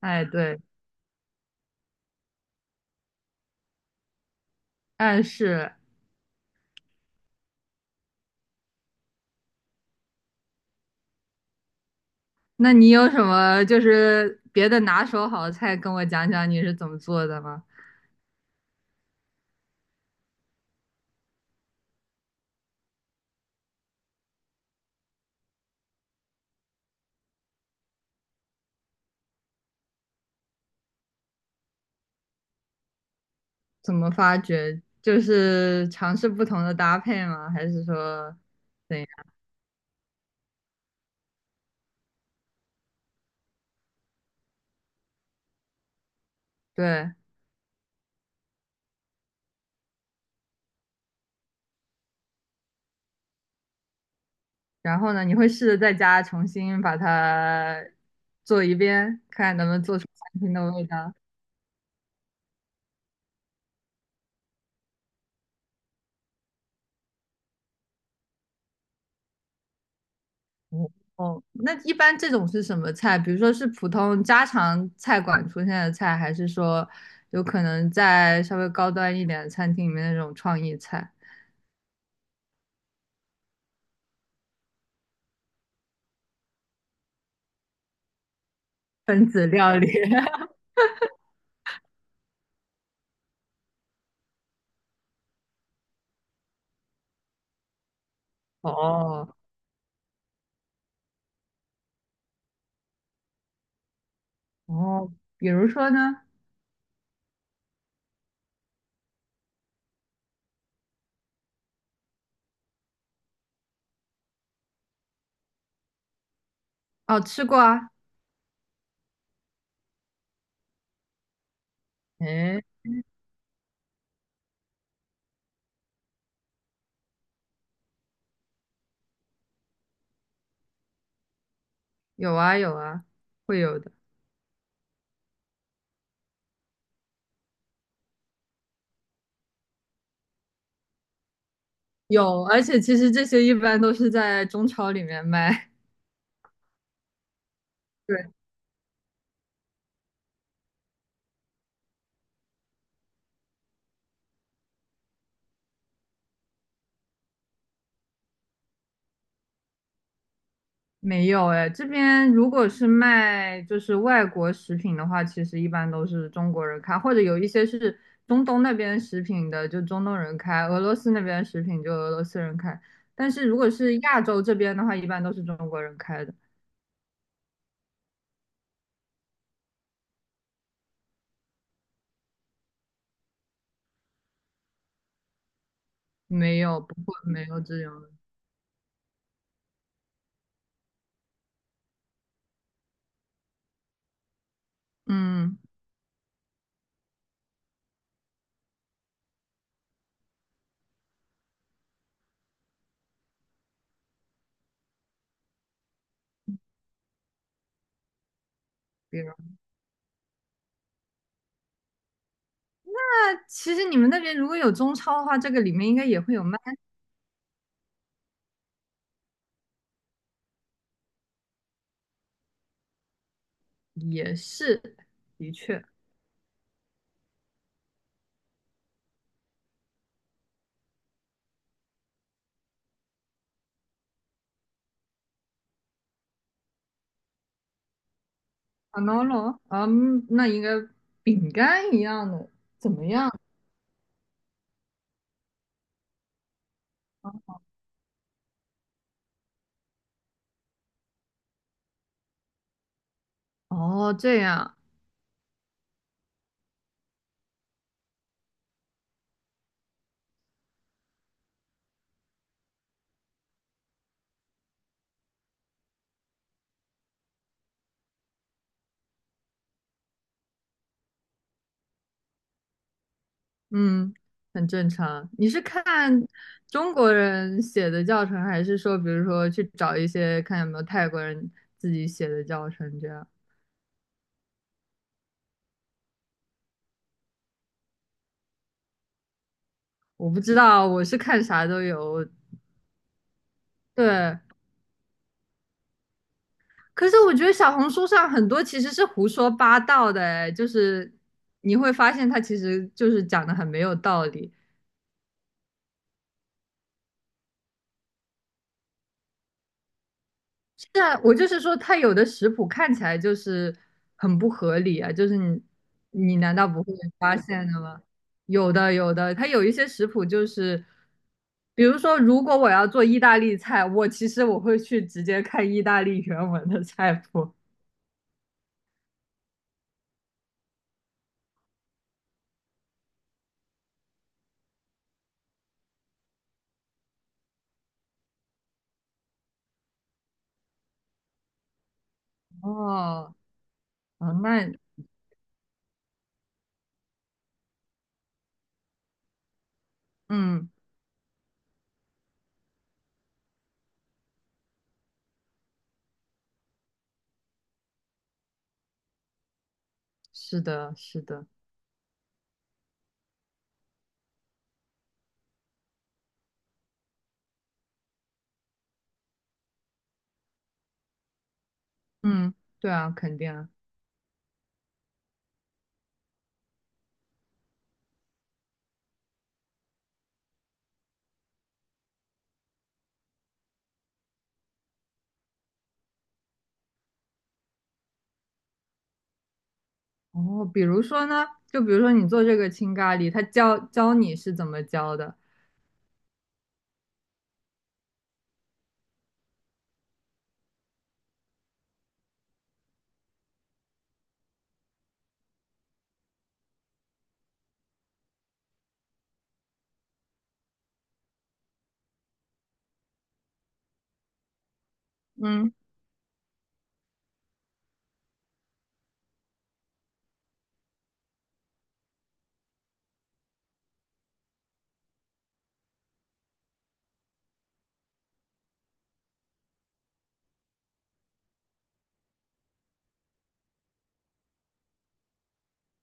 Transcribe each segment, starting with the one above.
哎，对。哎是。那你有什么就是别的拿手好菜跟我讲讲你是怎么做的吗？怎么发掘？就是尝试不同的搭配吗？还是说怎样？对。然后呢，你会试着在家重新把它做一遍，看能不能做出餐厅的味道？哦，哦，那一般这种是什么菜？比如说是普通家常菜馆出现的菜，还是说有可能在稍微高端一点的餐厅里面那种创意菜，分子料理？哦哦，比如说呢？哦，吃过啊。哎，有啊有啊，会有的。有，而且其实这些一般都是在中超里面卖。对。没有哎，这边如果是卖就是外国食品的话，其实一般都是中国人开，或者有一些是中东那边食品的，就中东人开；俄罗斯那边食品就俄罗斯人开。但是如果是亚洲这边的话，一般都是中国人开的。没有，不会，没有这种的。嗯，比如，那其实你们那边如果有中超的话，这个里面应该也会有卖。也是，的确。 a n o l o 嗯，那应该饼干一样的，怎么样？哦，这样。嗯，很正常。你是看中国人写的教程，还是说，比如说去找一些看有没有泰国人自己写的教程这样？我不知道，我是看啥都有。对。可是我觉得小红书上很多其实是胡说八道的，哎，就是你会发现他其实就是讲的很没有道理。是啊，我就是说，它有的食谱看起来就是很不合理啊，就是你难道不会发现的吗？有的有的，它有一些食谱就是，比如说，如果我要做意大利菜，我其实我会去直接看意大利原文的菜谱。哦，哦，那嗯，是的，是的。嗯，对啊，肯定啊。哦，比如说呢，就比如说你做这个青咖喱，他教教你是怎么教的？嗯。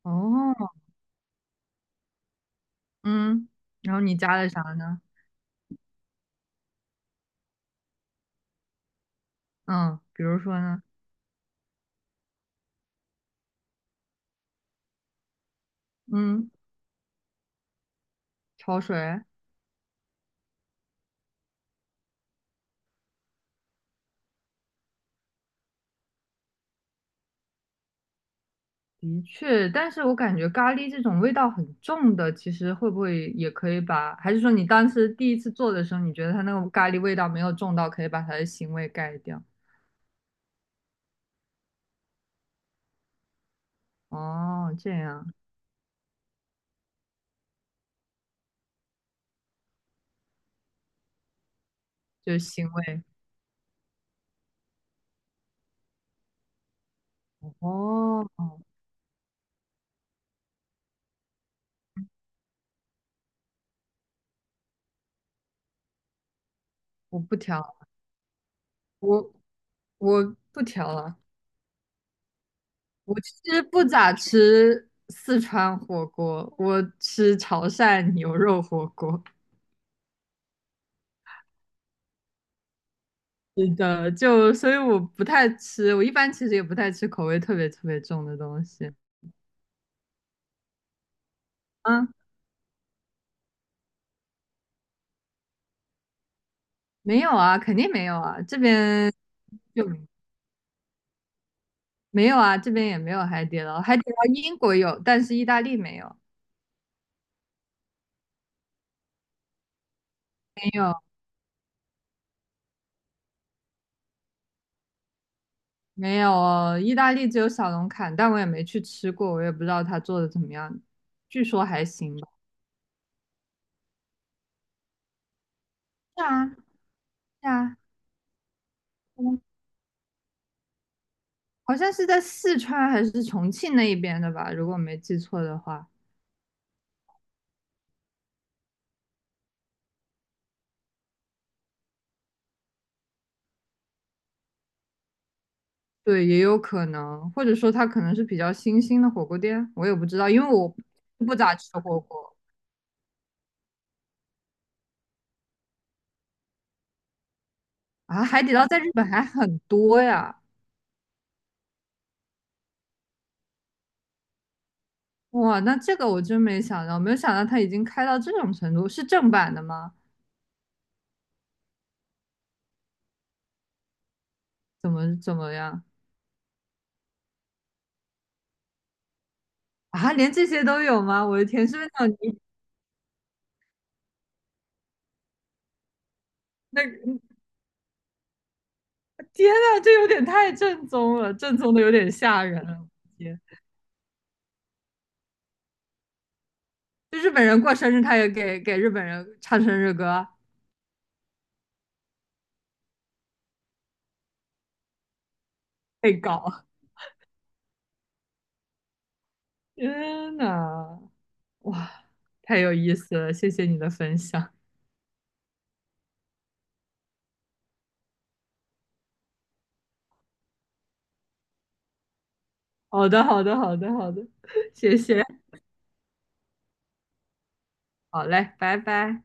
哦。嗯，然后你加的啥呢？嗯，比如说呢？嗯，焯水。的确，但是我感觉咖喱这种味道很重的，其实会不会也可以把？还是说你当时第一次做的时候，你觉得它那个咖喱味道没有重到，可以把它的腥味盖掉？哦，这样。就是腥味。哦，我不调。我我不调了。我其实不咋吃四川火锅，我吃潮汕牛肉火锅。是的，就所以我不太吃，我一般其实也不太吃口味特别特别重的东西。嗯。没有啊，肯定没有啊，这边就没有啊，这边也没有海底捞，海底捞英国有，但是意大利没有。没有没有，意大利只有小龙坎，但我也没去吃过，我也不知道它做的怎么样，据说还行吧。是啊，是啊。嗯，好像是在四川还是重庆那一边的吧，如果我没记错的话。对，也有可能，或者说它可能是比较新兴的火锅店，我也不知道，因为我不咋吃火锅啊。海底捞在日本还很多呀。哇，那这个我真没想到，没有想到它已经开到这种程度，是正版的吗？怎么样？啊？连这些都有吗？我的天，是不是那种你那天呐，这有点太正宗了，正宗的有点吓人了。我的天。就日本人过生日，他也给日本人唱生日歌。被搞。天呐！哇，太有意思了，谢谢你的分享。好的，好的，好的，好的，谢谢。好嘞，拜拜。